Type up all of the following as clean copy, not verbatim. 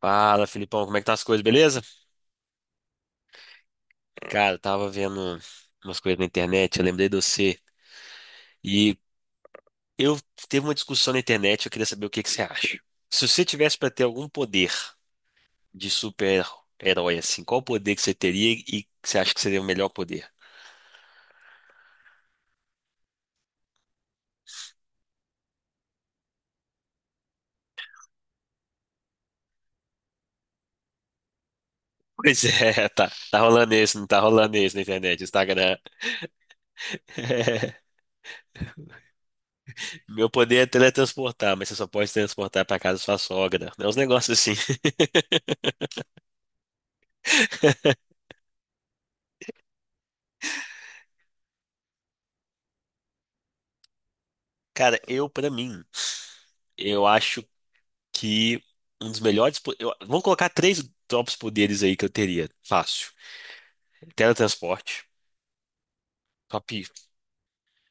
Fala, Filipão, como é que tá as coisas, beleza? Cara, eu tava vendo umas coisas na internet, eu lembrei de você. E eu teve uma discussão na internet, eu queria saber o que que você acha. Se você tivesse pra ter algum poder de super-herói, assim, qual poder que você teria e que você acha que seria o melhor poder? Pois é, tá rolando isso, não tá rolando isso na internet, Instagram. Meu poder é teletransportar, mas você só pode transportar pra casa da sua sogra. É uns negócios assim. Cara, eu, pra mim, eu acho que um dos melhores. Vamos colocar três tops poderes aí que eu teria. Fácil. Teletransporte. Top.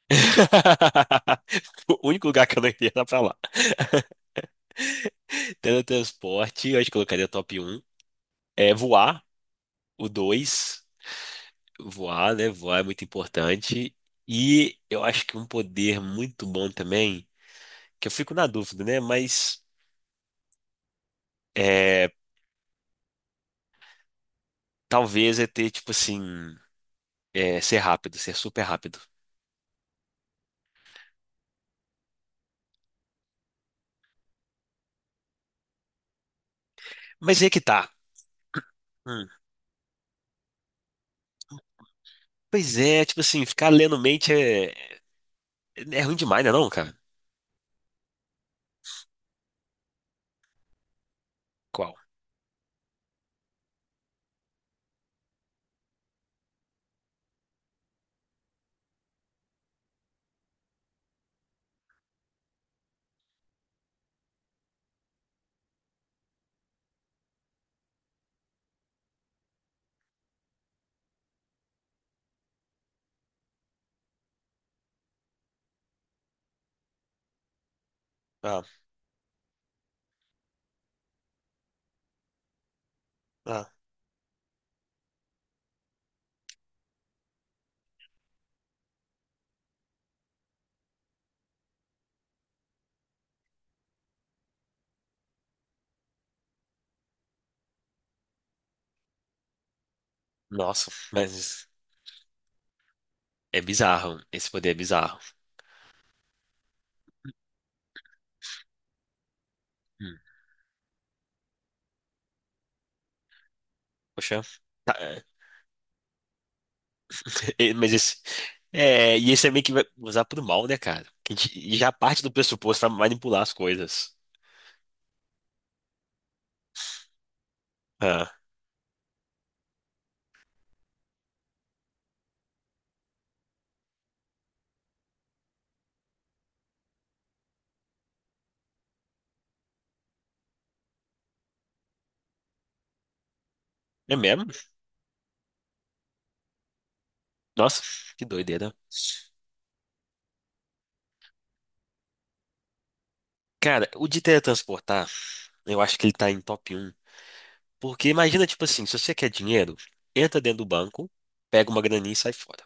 O único lugar que eu não iria era pra lá. Teletransporte, eu acho que eu colocaria top um. É voar, o dois. Voar, né? Voar é muito importante. E eu acho que um poder muito bom também, que eu fico na dúvida, né? Mas é, talvez é ter, tipo assim, ser rápido, ser super rápido. Mas aí é que tá. Hum. Pois é, tipo assim, ficar lendo mente é ruim demais, né não, cara? Qual? Ah, ah. Nossa, mas é bizarro. Esse poder é bizarro. Hum. Poxa. Tá, mas esse. É, e esse é meio que vai usar pro mal, né, cara? Que a gente e já parte do pressuposto pra manipular as coisas. Ah, é mesmo? Nossa, que doideira. Cara, o de teletransportar, eu acho que ele tá em top um. Porque imagina, tipo assim, se você quer dinheiro, entra dentro do banco, pega uma graninha e sai fora.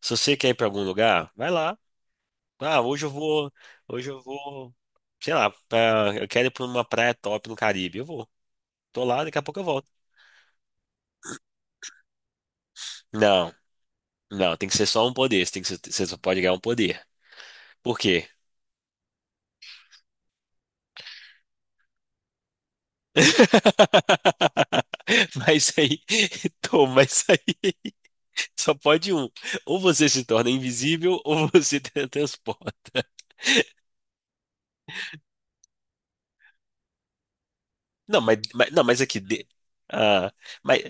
Se você quer ir para algum lugar, vai lá. Ah, hoje eu vou, sei lá, eu quero ir para uma praia top no Caribe. Eu vou. Tô lá, daqui a pouco eu volto. Não, não, tem que ser só um poder. Você tem que ser- Você só pode ganhar um poder. Por quê? Mas aí, toma isso aí. Só pode um. Ou você se torna invisível ou você teletransporta. Não, não, mas aqui. Ah, mas,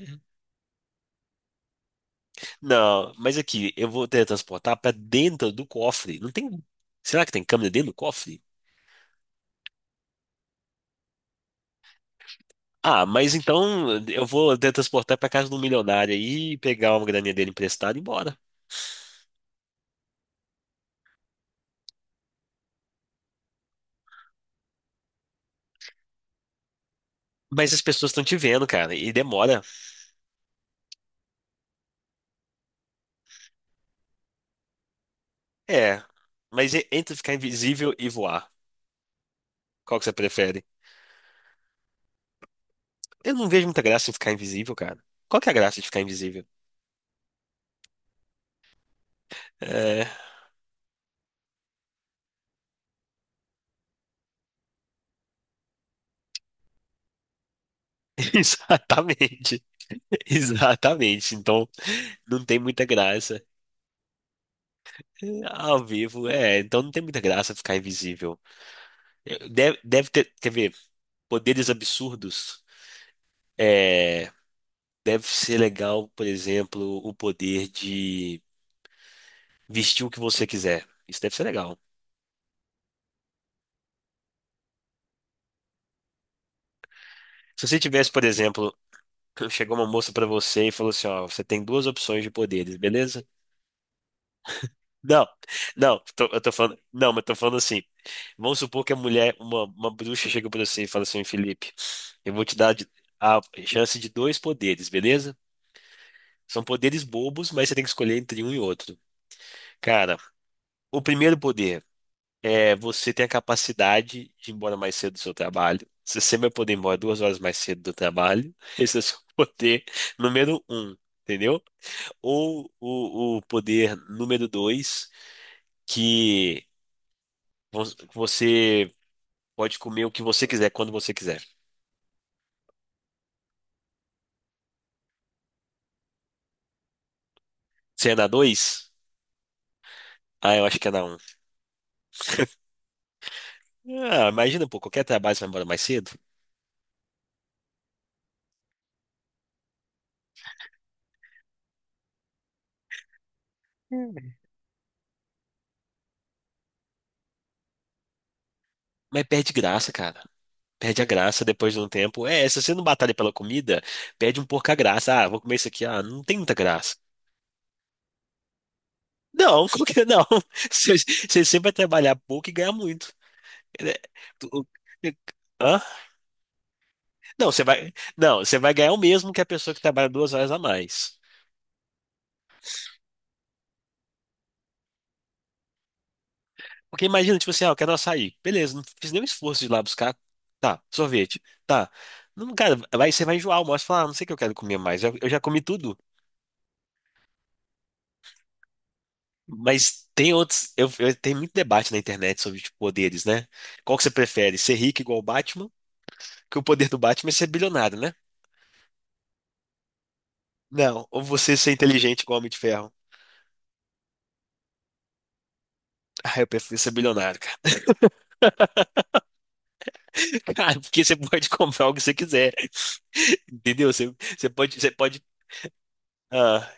Não, mas aqui, eu vou teletransportar pra dentro do cofre. Não tem. Será que tem câmera dentro do cofre? Ah, mas então eu vou teletransportar pra casa do milionário e pegar uma graninha dele emprestada e ir embora. Mas as pessoas estão te vendo, cara, e demora. É, mas entre ficar invisível e voar, qual que você prefere? Eu não vejo muita graça em ficar invisível, cara. Qual que é a graça de ficar invisível? É, exatamente, exatamente. Então, não tem muita graça. Ao vivo, é. Então não tem muita graça ficar invisível. Deve ter, quer ver, poderes absurdos. É, deve ser legal, por exemplo, o poder de vestir o que você quiser. Isso deve ser legal. Se você tivesse, por exemplo, chegou uma moça pra você e falou assim, ó, você tem duas opções de poderes, beleza? Não, não, eu tô falando, não, mas tô falando assim. Vamos supor que a mulher, uma bruxa chega pra você e fala assim, Felipe, eu vou te dar a chance de dois poderes, beleza? São poderes bobos, mas você tem que escolher entre um e outro. Cara, o primeiro poder é você ter a capacidade de ir embora mais cedo do seu trabalho. Você sempre vai poder ir embora 2 horas mais cedo do trabalho. Esse é o seu poder número 1, entendeu? Ou o poder número 2, que vo- você pode comer o que você quiser quando você quiser. Você é na dois? Ah, eu acho que é na um. Ah, imagina, pô, qualquer trabalho você vai embora mais cedo. É. Mas perde graça, cara. Perde a graça depois de um tempo. É, se você não batalha pela comida, perde um pouco a graça. Ah, vou comer isso aqui. Ah, não tem muita graça. Não, como que não? Você sempre vai trabalhar pouco e ganhar muito. É, tu- Hã? Não, você vai, não, você vai ganhar o mesmo que a pessoa que trabalha 2 horas a mais. Porque imagina, tipo assim, ah, eu quero um açaí. Beleza, não fiz nenhum esforço de ir lá buscar. Tá, sorvete. Tá. Não, cara, vai, você vai enjoar o almoço e falar, ah, não sei o que eu quero comer mais. Eu já comi tudo. Mas tem outros. Tem muito debate na internet sobre tipo, poderes, né? Qual que você prefere? Ser rico igual o Batman? Que o poder do Batman é ser bilionário, né? Não, ou você ser inteligente igual o Homem de Ferro. Ah, eu prefiro ser bilionário, cara. Cara, porque você pode comprar o que você quiser. Entendeu? Você pode. Ah,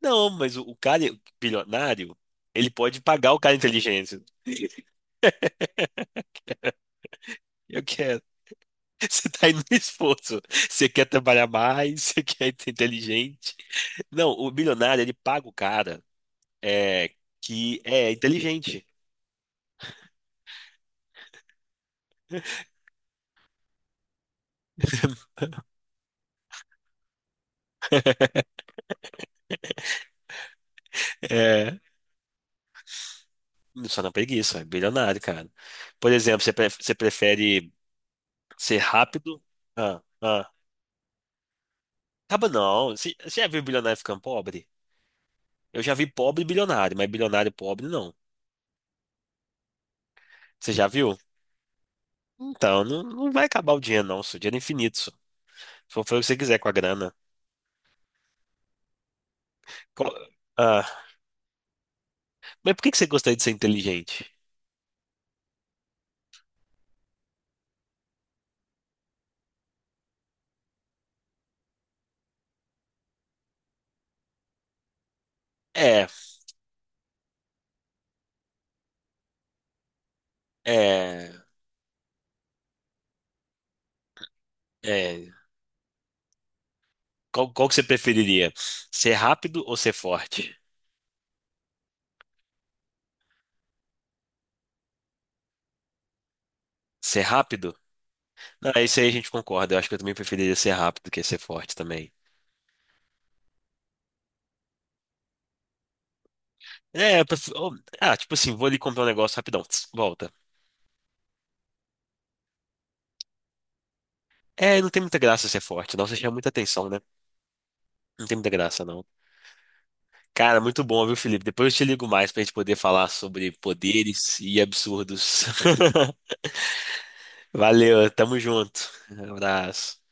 não, mas o cara bilionário, ele pode pagar o cara inteligente. Eu quero. Você tá indo no esforço. Você quer trabalhar mais, você quer ser inteligente. Não, o bilionário, ele paga o cara é, que é inteligente. É, só na preguiça, é bilionário, cara. Por exemplo, você prefere ser rápido? Ah. Acaba não. Você já viu bilionário ficando pobre? Eu já vi pobre bilionário, mas bilionário pobre não. Você já viu? Então, não, não vai acabar o dinheiro, não. Isso, o dinheiro é infinito. Isso. Só foi o que você quiser com a grana. Co- Ah, mas por que que você gostaria de ser inteligente? É, é, é. Qual que você preferiria? Ser rápido ou ser forte? Ser rápido? Não, é isso aí a gente concorda. Eu acho que eu também preferiria ser rápido que ser forte também. É, oh, ah, tipo assim, vou ali comprar um negócio rapidão. Tss, volta. É, não tem muita graça ser forte, não. Você chama muita atenção, né? Não tem muita graça, não. Cara, muito bom, viu, Felipe? Depois eu te ligo mais pra gente poder falar sobre poderes e absurdos. Valeu, tamo junto. Abraço.